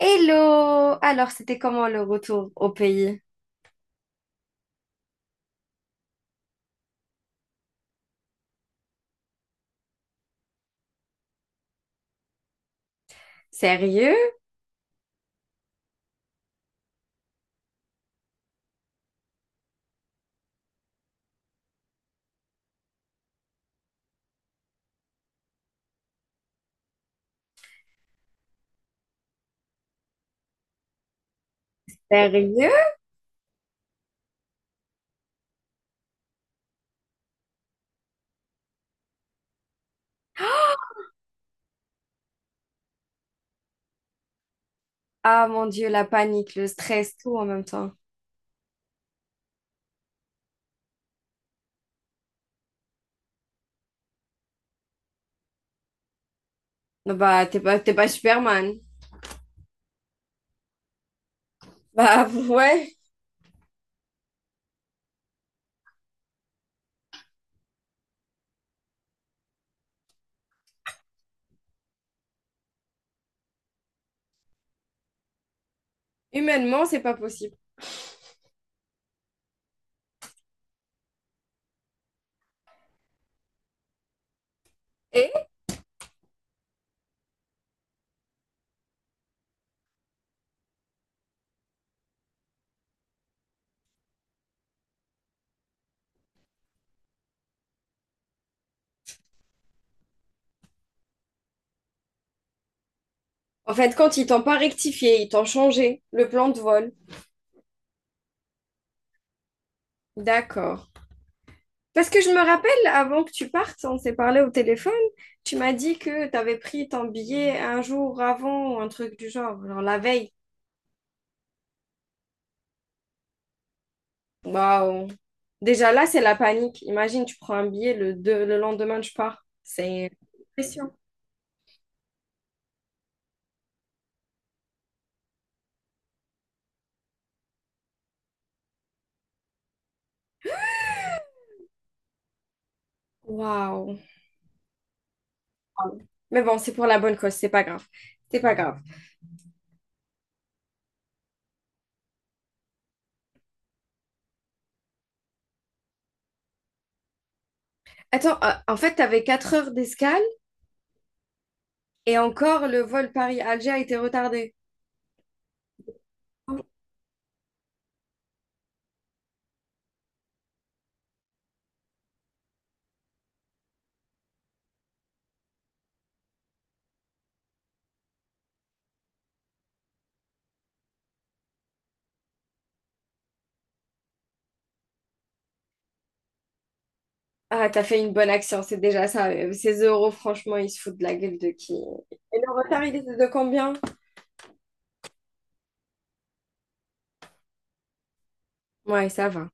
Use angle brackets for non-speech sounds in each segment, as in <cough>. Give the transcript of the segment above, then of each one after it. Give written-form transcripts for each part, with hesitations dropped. Hello! Alors, c'était comment le retour au pays? Sérieux? Sérieux? <gasps> Ah mon Dieu, la panique, le stress, tout en même temps. Non, bah, t'es pas Superman. Bah, <laughs> ouais, humainement, c'est pas possible. Et? En fait, quand ils t'ont pas rectifié, ils t'ont changé le plan de vol. D'accord. Parce que je me rappelle, avant que tu partes, on s'est parlé au téléphone, tu m'as dit que t'avais pris ton billet un jour avant ou un truc du genre, genre la veille. Waouh. Déjà là, c'est la panique. Imagine, tu prends un billet, le lendemain, tu pars. C'est. Pression. Waouh. Mais bon, c'est pour la bonne cause, c'est pas grave. C'est pas grave. Attends, en fait, t'avais 4 heures d'escale et encore le vol Paris-Alger a été retardé. Ah, t'as fait une bonne action, c'est déjà ça. Ces euros, franchement, ils se foutent de la gueule de qui? Et le retard, il était de combien? Ouais, ça va.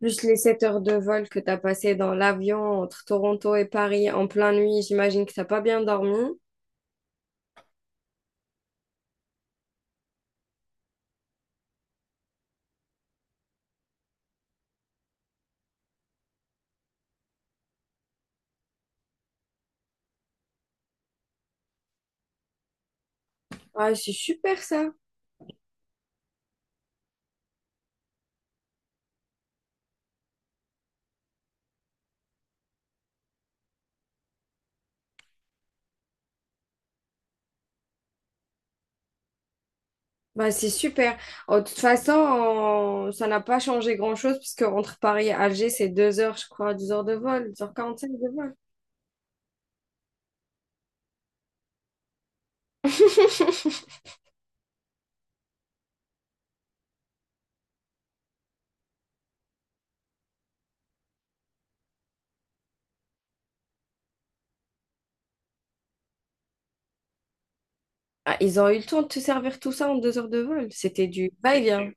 Plus les 7 heures de vol que tu as passées dans l'avion entre Toronto et Paris en pleine nuit, j'imagine que t'as pas bien dormi. Ah, c'est super ça. Bah, c'est super. Oh, de toute façon, ça n'a pas changé grand-chose puisque entre Paris et Alger, c'est 2 heures, je crois, 2 heures de vol, 2 h 45 de vol. <laughs> Ah, ils ont eu le temps de te servir tout ça en 2 heures de vol. C'était du va-et-vient.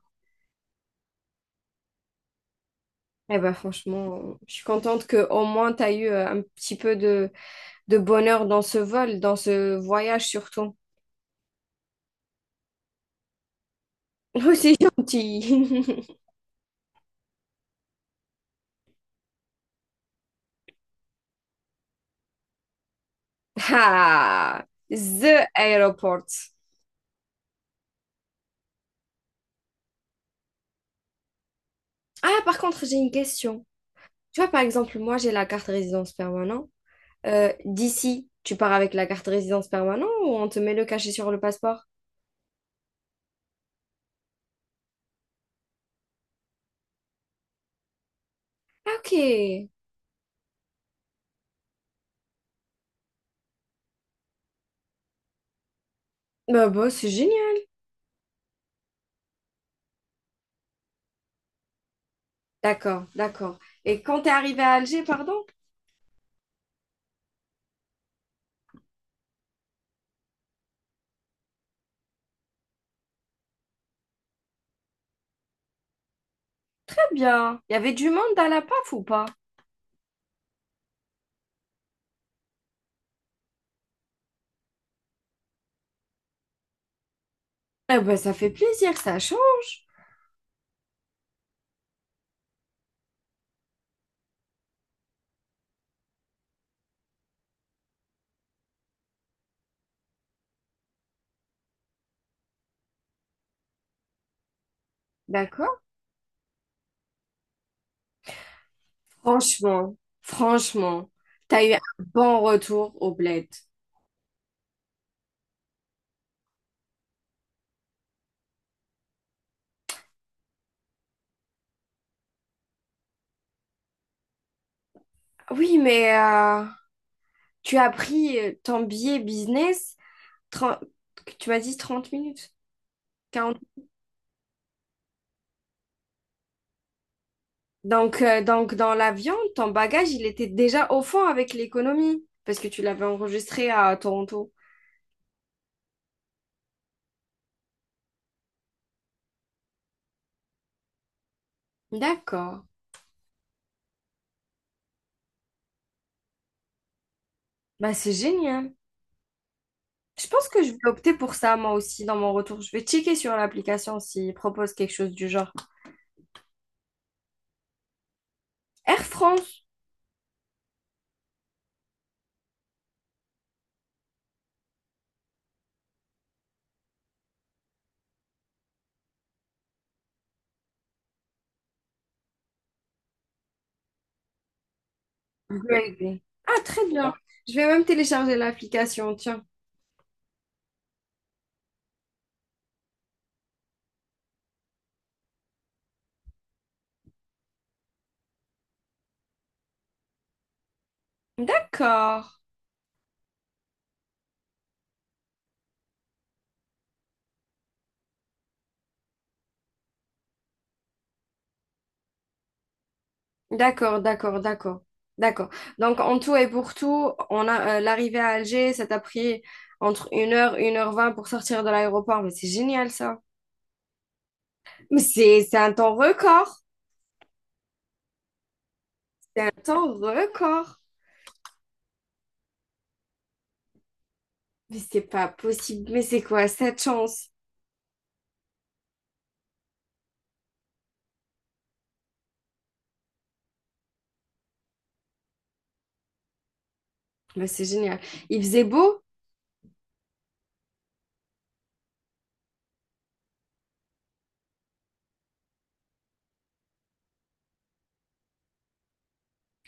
Eh ben franchement, je suis contente que au moins tu as eu un petit peu de, bonheur dans ce vol, dans ce voyage surtout. <laughs> Oh, c'est gentil. <laughs> Ah, the airport. Ah, par contre, j'ai une question. Tu vois, par exemple, moi, j'ai la carte résidence permanente. D'ici, tu pars avec la carte résidence permanente ou on te met le cachet sur le passeport? Ah, ok. Bah, bah, c'est génial. D'accord, d'accord. Et quand t'es arrivé à Alger, pardon? Très bien, il y avait du monde à la PAF ou pas? Ah bah, ça fait plaisir, ça change. D'accord? Franchement, franchement, t'as eu un bon retour au bled. Oui, mais tu as pris ton billet business, 30, tu m'as dit 30 minutes, quarante. Donc dans l'avion, ton bagage, il était déjà au fond avec l'économie, parce que tu l'avais enregistré à Toronto. D'accord. Bah, c'est génial. Je pense que je vais opter pour ça, moi aussi, dans mon retour. Je vais checker sur l'application s'il propose quelque chose du genre. Air France. Grey Grey. Ah, très bien. Je vais même télécharger l'application, tiens. D'accord. D'accord, d'accord, d'accord. D'accord. Donc, en tout et pour tout, on a l'arrivée à Alger, ça t'a pris entre 1 h, 1 h 20 pour sortir de l'aéroport. Mais c'est génial, ça. Mais c'est un temps record. C'est un temps record. Mais c'est pas possible. Mais c'est quoi cette chance? Mais c'est génial. Il faisait beau?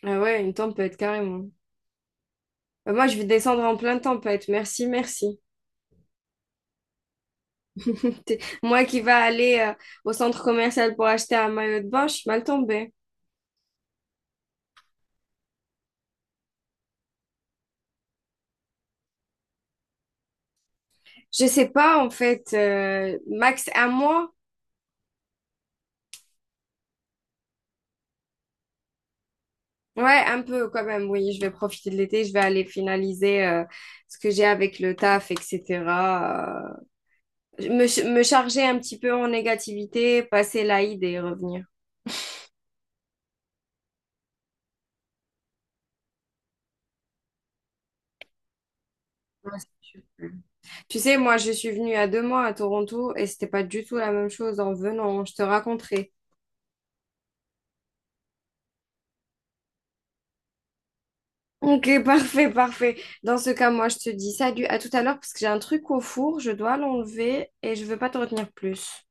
Ah ouais, une tempête, carrément. Moi, je vais descendre en pleine tempête. Merci, merci. <laughs> Moi qui va aller au centre commercial pour acheter un maillot de bain, je suis mal tombée. Je sais pas, en fait, max 1 mois. Ouais, un peu quand même, oui. Je vais profiter de l'été, je vais aller finaliser ce que j'ai avec le taf, etc. Me, me charger un petit peu en négativité, passer l'Aïd et revenir. Ouais, c'est super. Tu sais, moi, je suis venue à 2 mois à Toronto et c'était pas du tout la même chose en venant, je te raconterai. Ok, parfait, parfait. Dans ce cas, moi, je te dis salut, à tout à l'heure, parce que j'ai un truc au four, je dois l'enlever et je veux pas te retenir plus.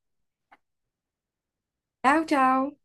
Ciao, ciao!